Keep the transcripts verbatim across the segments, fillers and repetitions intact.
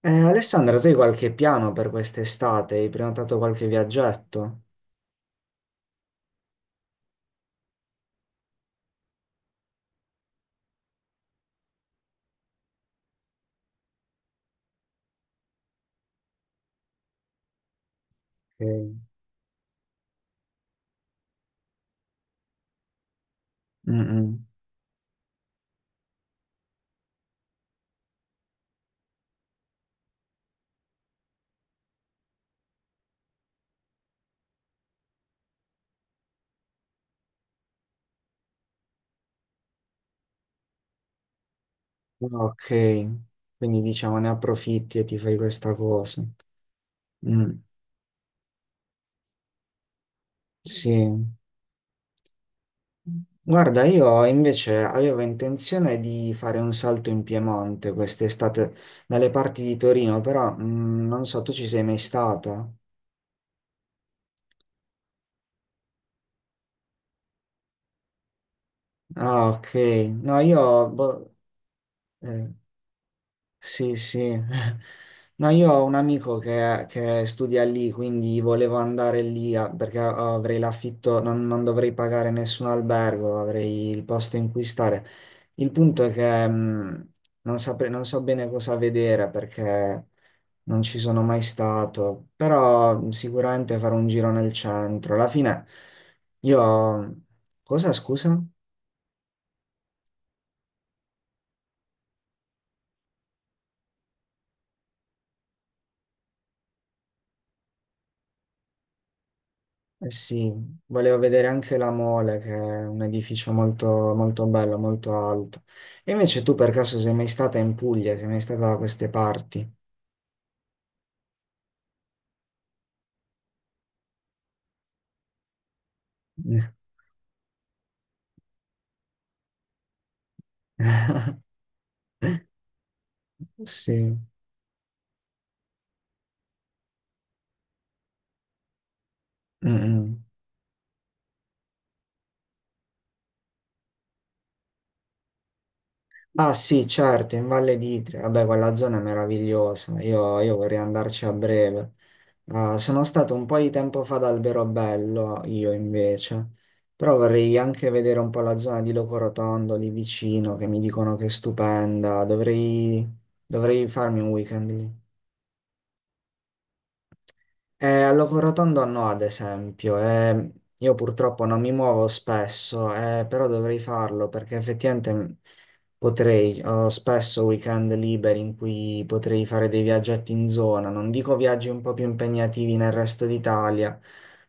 Eh, Alessandra, tu hai qualche piano per quest'estate? Hai prenotato qualche viaggetto? Ok. Mm, mm. Ok, quindi diciamo ne approfitti e ti fai questa cosa. Mm, sì. Guarda, io invece avevo intenzione di fare un salto in Piemonte quest'estate dalle parti di Torino, però mm, non so, tu ci sei mai stata? Ah, ok. No, io boh. eh, Sì, sì. No, io ho un amico che, che studia lì, quindi volevo andare lì a- perché avrei l'affitto, non, non dovrei pagare nessun albergo, avrei il posto in cui stare. Il punto è che mh, non saprei, non so bene cosa vedere perché non ci sono mai stato, però mh, sicuramente farò un giro nel centro. Alla fine, io... Cosa, scusa? Eh sì, volevo vedere anche la Mole, che è un edificio molto, molto bello, molto alto. E invece tu per caso sei mai stata in Puglia, sei mai stata da queste parti? Sì. Mm-mm. Ah sì, certo, in Valle d'Itria, vabbè, quella zona è meravigliosa, io, io vorrei andarci a breve. Ah, sono stato un po' di tempo fa ad Alberobello, io invece, però vorrei anche vedere un po' la zona di Locorotondo lì vicino, che mi dicono che è stupenda. Dovrei, dovrei farmi un weekend lì. Eh, al Loco Rotondo no, ad esempio, eh, io purtroppo non mi muovo spesso, eh, però dovrei farlo perché effettivamente mh, potrei, ho spesso weekend liberi in cui potrei fare dei viaggetti in zona, non dico viaggi un po' più impegnativi nel resto d'Italia,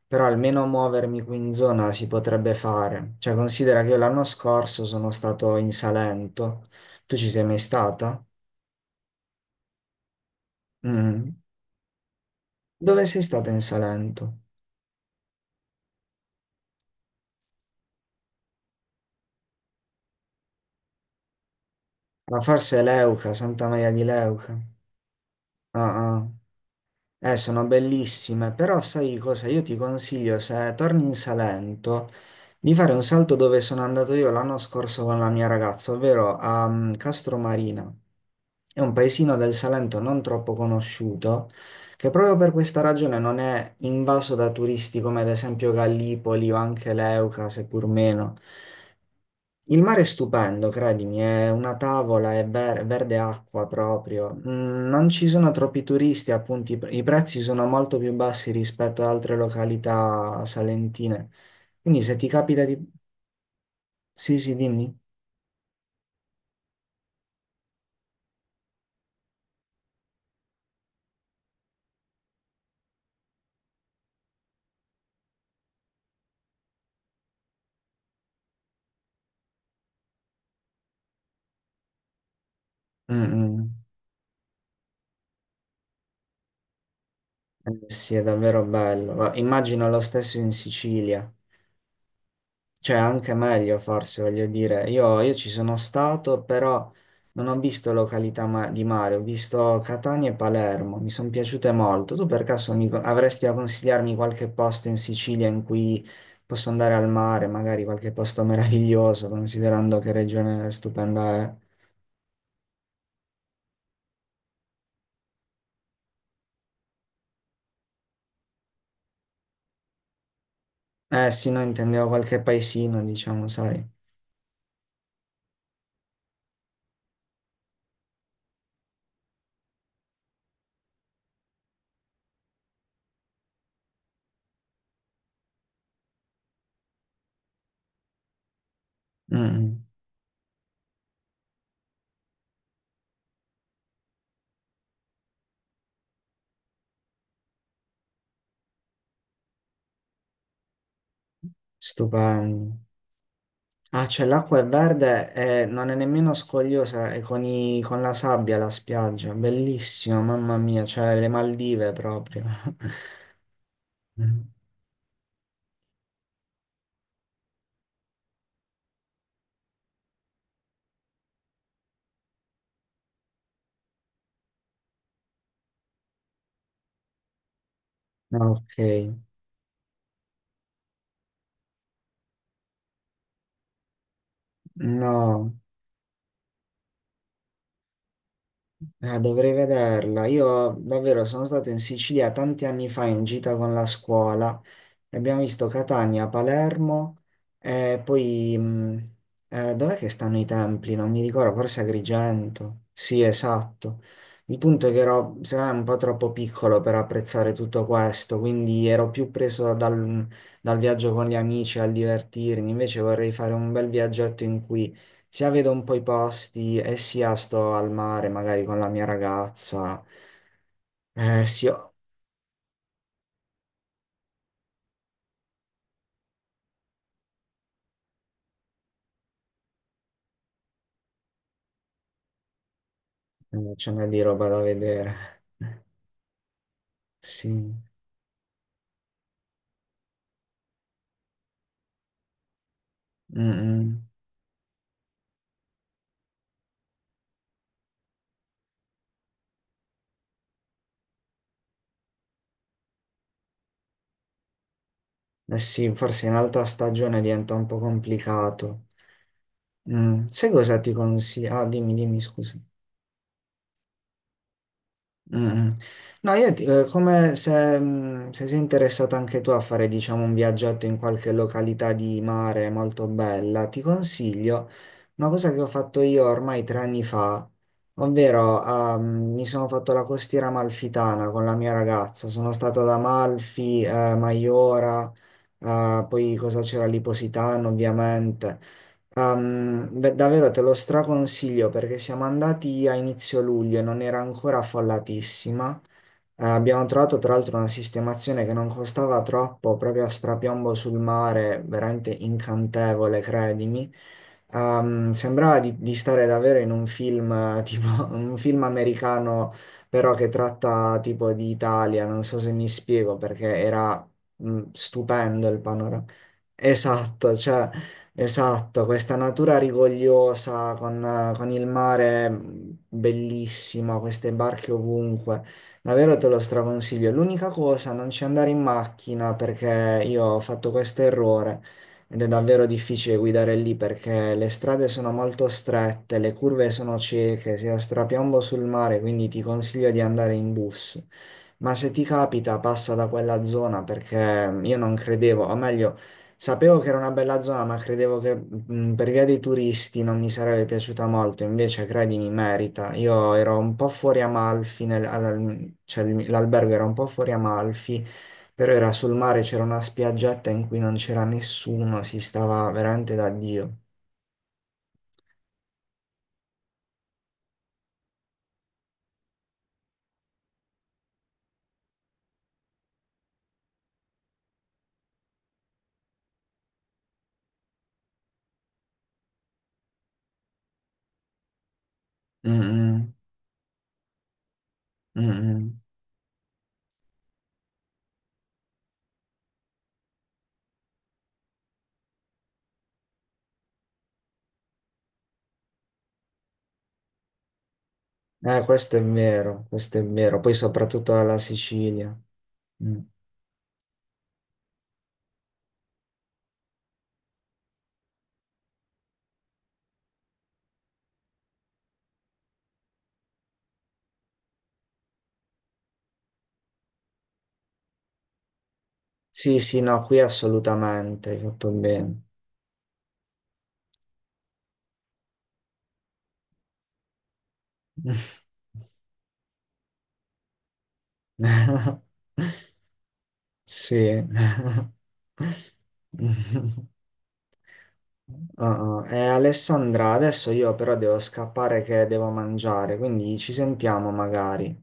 però almeno muovermi qui in zona si potrebbe fare. Cioè, considera che io l'anno scorso sono stato in Salento, tu ci sei mai stata? Mm. Dove sei stata in Salento? Ma forse è Leuca, Santa Maria di Leuca. Ah, ah. Eh, sono bellissime, però sai cosa? Io ti consiglio, se torni in Salento, di fare un salto dove sono andato io l'anno scorso con la mia ragazza, ovvero a mm, Castromarina. È un paesino del Salento non troppo conosciuto, che proprio per questa ragione non è invaso da turisti come ad esempio Gallipoli o anche Leuca, seppur meno. Il mare è stupendo, credimi, è una tavola, è ver- verde acqua proprio. Mm, non ci sono troppi turisti, appunto, i, pre- i prezzi sono molto più bassi rispetto ad altre località salentine. Quindi se ti capita di... Sì, sì, dimmi. Mm, mm. Eh, sì, è davvero bello. Va- Immagino lo stesso in Sicilia. Cioè, anche meglio forse, voglio dire. Io, io ci sono stato, però non ho visto località ma- di mare, ho visto Catania e Palermo, mi sono piaciute molto. Tu per caso mi con- avresti a consigliarmi qualche posto in Sicilia in cui posso andare al mare, magari qualche posto meraviglioso, considerando che regione stupenda è. Eh sì, no, intendevo qualche paesino, diciamo, sai. Mm, stupendo. Ah, cioè l'acqua è verde e non è nemmeno scogliosa, è con, i- con la sabbia la spiaggia, bellissimo, mamma mia, cioè le Maldive proprio. Ok, no, eh, dovrei vederla. Io davvero sono stato in Sicilia tanti anni fa in gita con la scuola. Abbiamo visto Catania, Palermo, e poi mh, eh, dov'è che stanno i templi? Non mi ricordo, forse Agrigento. Sì, esatto. Il punto è che ero, secondo me, un po' troppo piccolo per apprezzare tutto questo, quindi ero più preso dal, dal, viaggio con gli amici, al divertirmi. Invece vorrei fare un bel viaggetto in cui sia vedo un po' i posti e sia sto al mare, magari con la mia ragazza. Eh, sì, oh, c'è una di roba da vedere. Sì. Mm, mm. Eh sì, forse in alta stagione diventa un po' complicato. Mm, Sai cosa ti consiglio? Ah, dimmi, dimmi, scusa. Mm. No, io ti- eh, come se, mm, se sei interessata anche tu a fare, diciamo, un viaggetto in qualche località di mare molto bella, ti consiglio una cosa che ho fatto io ormai tre anni fa, ovvero ehm, mi sono fatto la costiera amalfitana con la mia ragazza. Sono stato ad Amalfi, eh, Maiora, eh, poi cosa c'era lì? Positano, ovviamente. Ehm, ve- davvero te lo straconsiglio perché siamo andati a inizio luglio e non era ancora affollatissima. Eh, abbiamo trovato tra l'altro una sistemazione che non costava troppo, proprio a strapiombo sul mare, veramente incantevole, credimi. Ehm, sembrava di, di stare davvero in un film, eh, tipo un film americano, però che tratta tipo di Italia, non so se mi spiego, perché era mh, stupendo il panorama. Esatto, cioè, esatto, questa natura rigogliosa con, eh, con il mare mh, bellissimo, queste barche ovunque. Davvero te lo straconsiglio. L'unica cosa, non ci andare in macchina perché io ho fatto questo errore ed è davvero difficile guidare lì perché le strade sono molto strette, le curve sono cieche, si ha strapiombo sul mare, quindi ti consiglio di andare in bus. Ma se ti capita, passa da quella zona perché mm, io non credevo, o meglio, sapevo che era una bella zona, ma credevo che mh, per via dei turisti non mi sarebbe piaciuta molto, invece credimi, merita. Io ero un po' fuori Amalfi, nel- al- cioè il- l'albergo era un po' fuori Amalfi però era sul mare, c'era una spiaggetta in cui non c'era nessuno, si stava veramente da Dio. Mm, mm, mm, mm. Eh, questo è vero, questo è vero. Poi soprattutto alla Sicilia. Mm. Sì, sì, no, qui assolutamente, hai fatto bene. Sì. Uh, eh, Alessandra, adesso io però devo scappare che devo mangiare, quindi ci sentiamo magari.